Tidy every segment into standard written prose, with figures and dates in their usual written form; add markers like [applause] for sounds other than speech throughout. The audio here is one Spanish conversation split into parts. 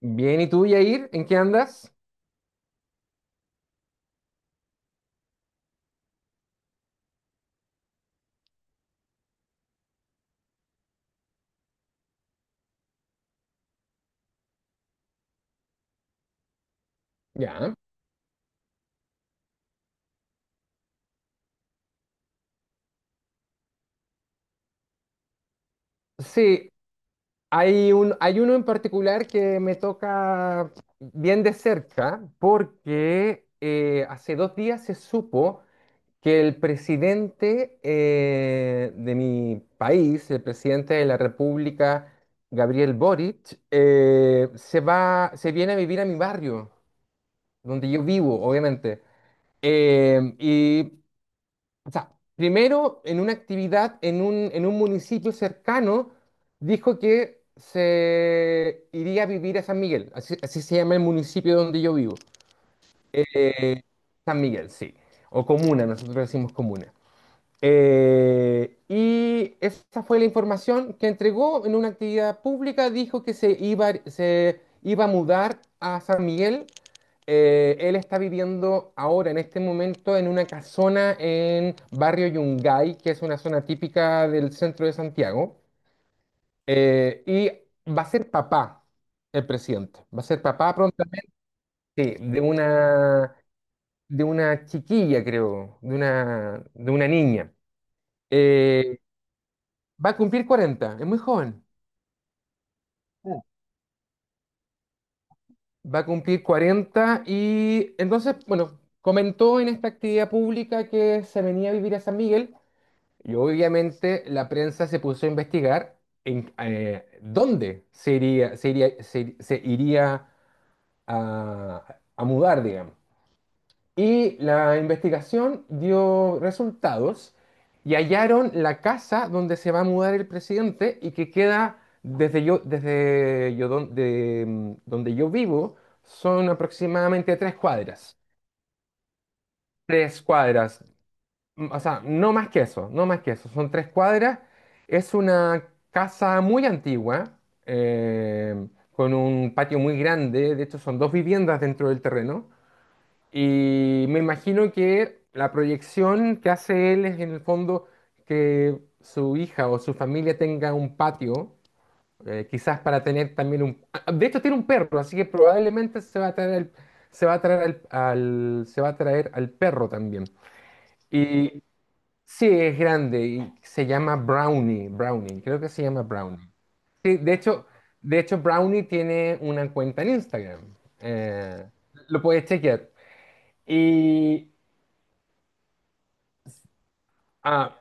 Bien, ¿y tú, Yair? ¿En qué andas? Ya. Sí, hay uno en particular que me toca bien de cerca porque hace 2 días se supo que el presidente de mi país, el presidente de la República, Gabriel Boric, se viene a vivir a mi barrio, donde yo vivo, obviamente. Eh, y O sea, primero en una actividad en un municipio cercano, dijo que se iría a vivir a San Miguel. Así se llama el municipio donde yo vivo. Eh, San Miguel, sí, o comuna. Nosotros decimos comuna. Y esa fue la información que entregó en una actividad pública. Dijo que se iba a mudar a San Miguel. Él está viviendo ahora, en este momento, en una casona en Barrio Yungay, que es una zona típica del centro de Santiago. Y va a ser papá el presidente. Va a ser papá prontamente de una chiquilla, creo, de una niña. Eh, Va a cumplir 40, es muy joven. Va a cumplir 40 y entonces, bueno, comentó en esta actividad pública que se venía a vivir a San Miguel, y obviamente la prensa se puso a investigar en dónde se iría, se iría, se iría a mudar, digamos. Y la investigación dio resultados y hallaron la casa donde se va a mudar el presidente, y que queda desde yo don- de, mm, donde yo vivo son aproximadamente 3 cuadras. 3 cuadras. O sea, no más que eso, no más que eso, son 3 cuadras. Es una casa muy antigua, con un patio muy grande. De hecho, son dos viviendas dentro del terreno. Y me imagino que la proyección que hace él es, en el fondo, que su hija o su familia tenga un patio, quizás para tener también de hecho, tiene un perro, así que probablemente se va a traer al, se va a traer al, al- se va a traer al perro también. Y sí, es grande y se llama Brownie. Brownie, creo que se llama Brownie. Sí, de hecho, Brownie tiene una cuenta en Instagram. Eh, lo puedes chequear. Y, Ah,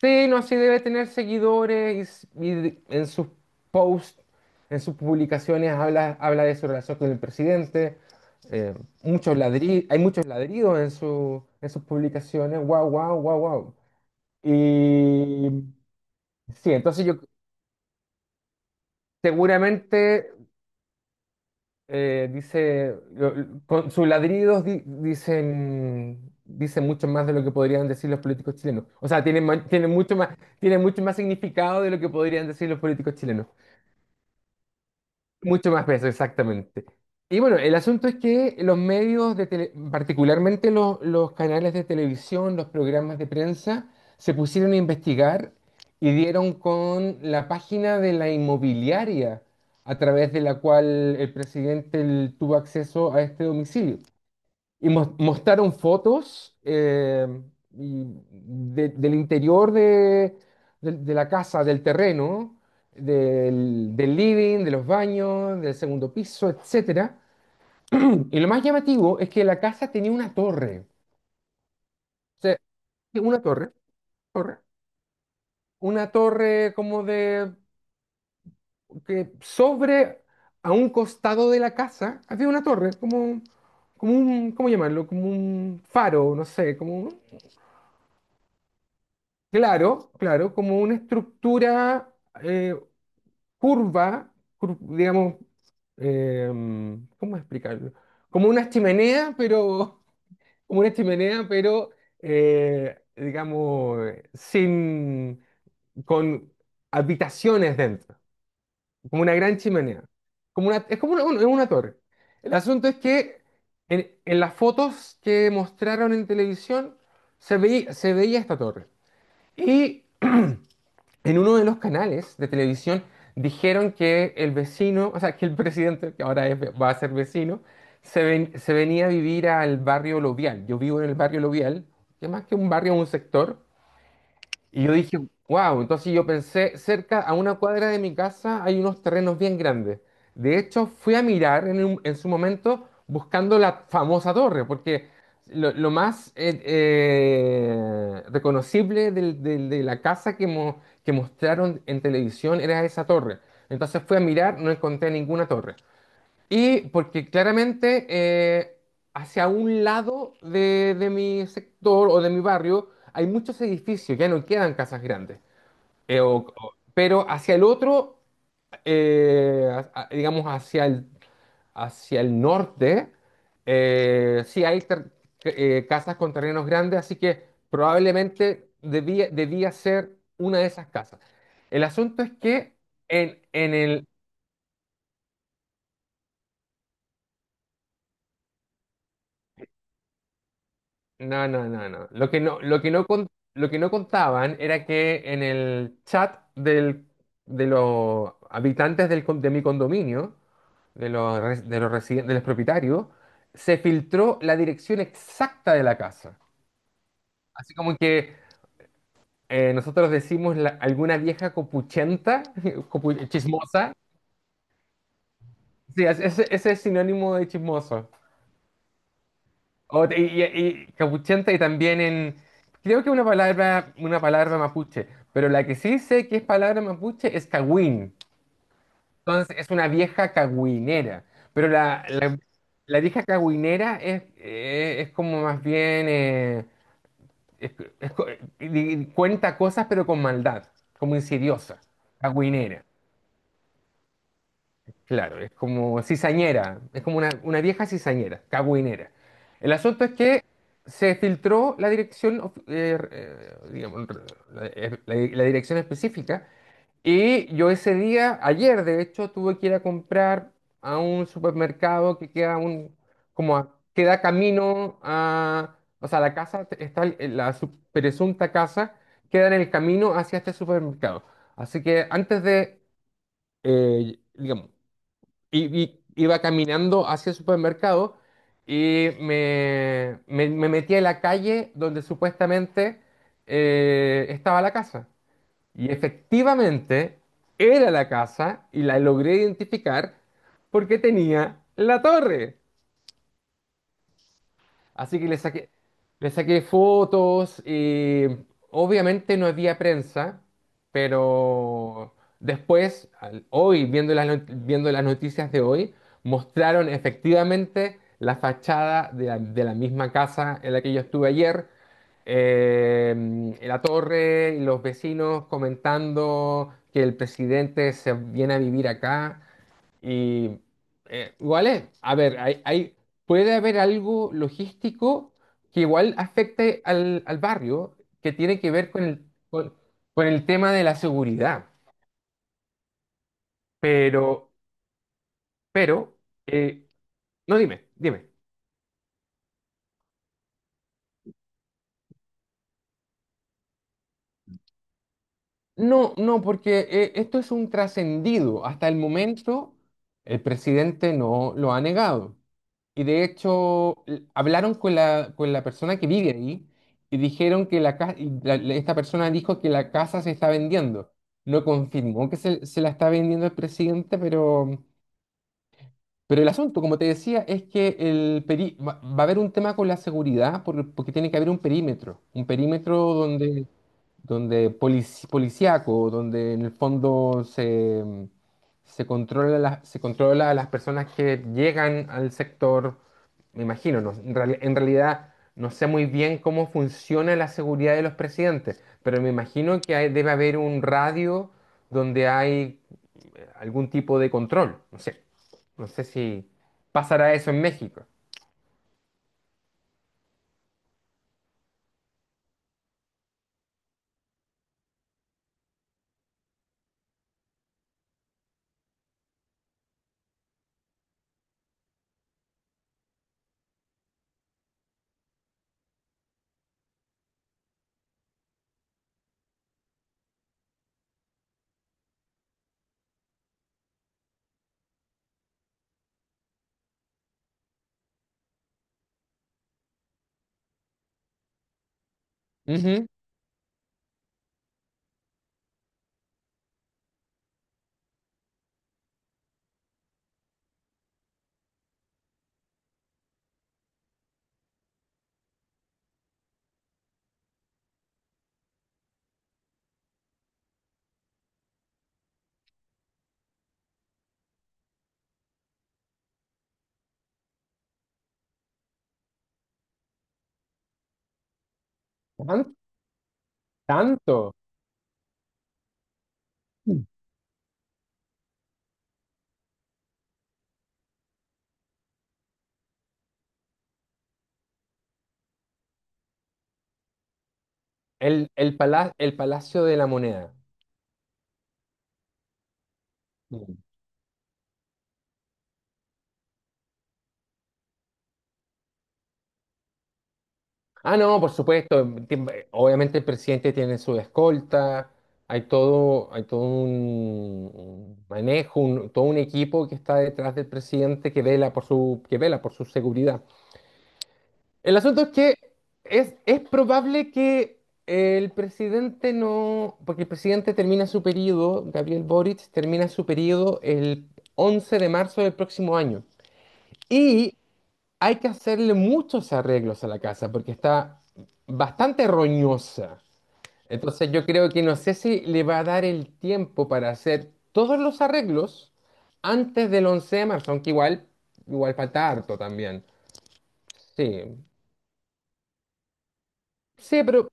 sí, no, sí debe tener seguidores. Y y en sus posts, en sus publicaciones habla de su relación con el presidente. eh, hay muchos ladridos en sus publicaciones. Wow, wow, wow, wow. Y sí, entonces yo seguramente, con sus ladridos dicen mucho más de lo que podrían decir los políticos chilenos. O sea, Tienen mucho más significado de lo que podrían decir los políticos chilenos. Mucho más peso, exactamente. Y bueno, el asunto es que los medios de tele- particularmente los canales de televisión, los programas de prensa, se pusieron a investigar y dieron con la página de la inmobiliaria a través de la cual el presidente tuvo acceso a este domicilio. Y mostraron fotos, y del interior de la casa, del terreno, del living, de los baños, del segundo piso, etcétera. Y lo más llamativo es que la casa tenía una torre. O sea, una torre. Torre, una torre como de, que sobre, a un costado de la casa había una torre, como... como un, ¿cómo llamarlo? Como un faro, no sé, Claro, claro, como una estructura eh, curva. Digamos, ¿cómo explicarlo? Como una chimenea, pero... [laughs] Como una chimenea, pero digamos, sin, con habitaciones dentro, como una gran chimenea. Como una, es como una torre. El asunto es que en las fotos que mostraron en televisión se veía esta torre. Y en uno de los canales de televisión dijeron que el vecino, o sea, que el [laughs] presidente, que ahora va a ser vecino, se venía a vivir al barrio Lovial. Yo vivo en el barrio Lovial, que más que un barrio, es un sector. Y yo dije, wow. Entonces yo pensé, cerca, a una cuadra de mi casa, hay unos terrenos bien grandes. De hecho, fui a mirar en su momento buscando la famosa torre, porque lo, lo más reconocible de la casa que mostraron en televisión era esa torre. Entonces fui a mirar, no encontré ninguna torre. Y porque claramente hacia un lado de mi sector o de mi barrio hay muchos edificios, ya no quedan casas grandes. Pero hacia el otro, digamos hacia el norte, sí hay casas con terrenos grandes, así que probablemente debía ser una de esas casas. El asunto es que en, no, no, no, no. Lo que no contaban era que en el chat de los habitantes de mi condominio, de los, res- de los residen- de los propietarios, se filtró la dirección exacta de la casa. Así como que, nosotros decimos, la... alguna vieja copuchenta. [laughs] Chismosa. Sí, ese es sinónimo de chismoso. O te- y capuchenta, y también en... Creo que una palabra mapuche, pero la que sí sé que es palabra mapuche es cagüín. Entonces es una vieja cagüinera, pero la vieja cagüinera es como más bien... es- es co- cuenta cosas, pero con maldad, como insidiosa, cagüinera. Claro, es como cizañera, es como una vieja cizañera, cagüinera. El asunto es que se filtró la dirección, digamos, la dirección específica. Y yo ese día, ayer de hecho, tuve que ir a comprar a un supermercado que queda camino a, o sea, la casa, te- está el- la sup- presunta casa queda en el camino hacia este supermercado. Así que antes de, digamos, y iba caminando hacia el supermercado, y me metí en la calle donde supuestamente estaba la casa. Y efectivamente era la casa y la logré identificar porque tenía la torre. Así que le saqué, fotos, y obviamente no había prensa, pero después, hoy, viendo las, not- viendo las noticias de hoy, mostraron efectivamente la fachada de la misma casa en la que yo estuve ayer, la torre, y los vecinos comentando que el presidente se viene a vivir acá. Y Igual es, a ver, puede haber algo logístico que igual afecte al barrio, que tiene que ver con el tema de la seguridad. Pero, pero, eh, no, dime, dime. No, no, porque esto es un trascendido. Hasta el momento, el presidente no lo ha negado. Y de hecho, hablaron con la persona que vive ahí, y dijeron que la, ca- y la- la- esta persona dijo que la casa se está vendiendo. No confirmó que se la está vendiendo el presidente, pero el asunto, como te decía, es que va a haber un tema con la seguridad, porque tiene que haber Un perímetro policíaco, donde en el fondo se controla a las personas que llegan al sector. Me imagino, en realidad no sé muy bien cómo funciona la seguridad de los presidentes, pero me imagino que debe haber un radio donde hay algún tipo de control. No sé, si pasará eso en México. Ujú. Tan- Tanto. El Palacio de la Moneda. Ah, no, por supuesto. Obviamente el presidente tiene su escolta. Hay todo un manejo, todo un equipo que está detrás del presidente que vela por su seguridad. El asunto es que es probable que el presidente no, porque el presidente termina su periodo, Gabriel Boric termina su periodo el 11 de marzo del próximo año. Y hay que hacerle muchos arreglos a la casa porque está bastante roñosa. Entonces, yo creo que no sé si le va a dar el tiempo para hacer todos los arreglos antes del 11 de marzo, aunque igual falta harto también. Sí, sí, pero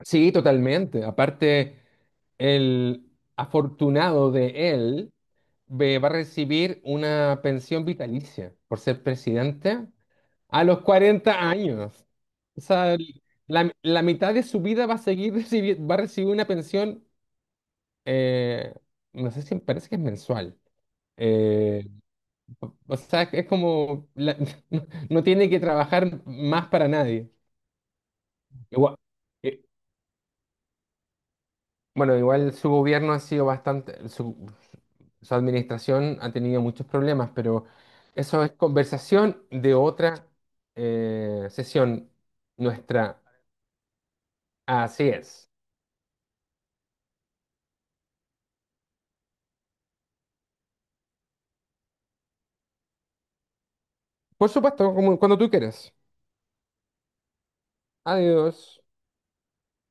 sí, totalmente. Aparte, el afortunado de él va a recibir una pensión vitalicia por ser presidente, a los 40 años. O sea, la mitad de su vida va a seguir [laughs] recibiendo, va a recibir una pensión. eh, no sé, si parece que es mensual. Eh, o sea, es como... [laughs] no, no tiene que trabajar más para nadie. Igual, eh, bueno, igual su gobierno ha sido bastante, su administración ha tenido muchos problemas, pero eso es conversación de otra sesión nuestra. Así es. Por supuesto, como cuando tú quieras. Adiós.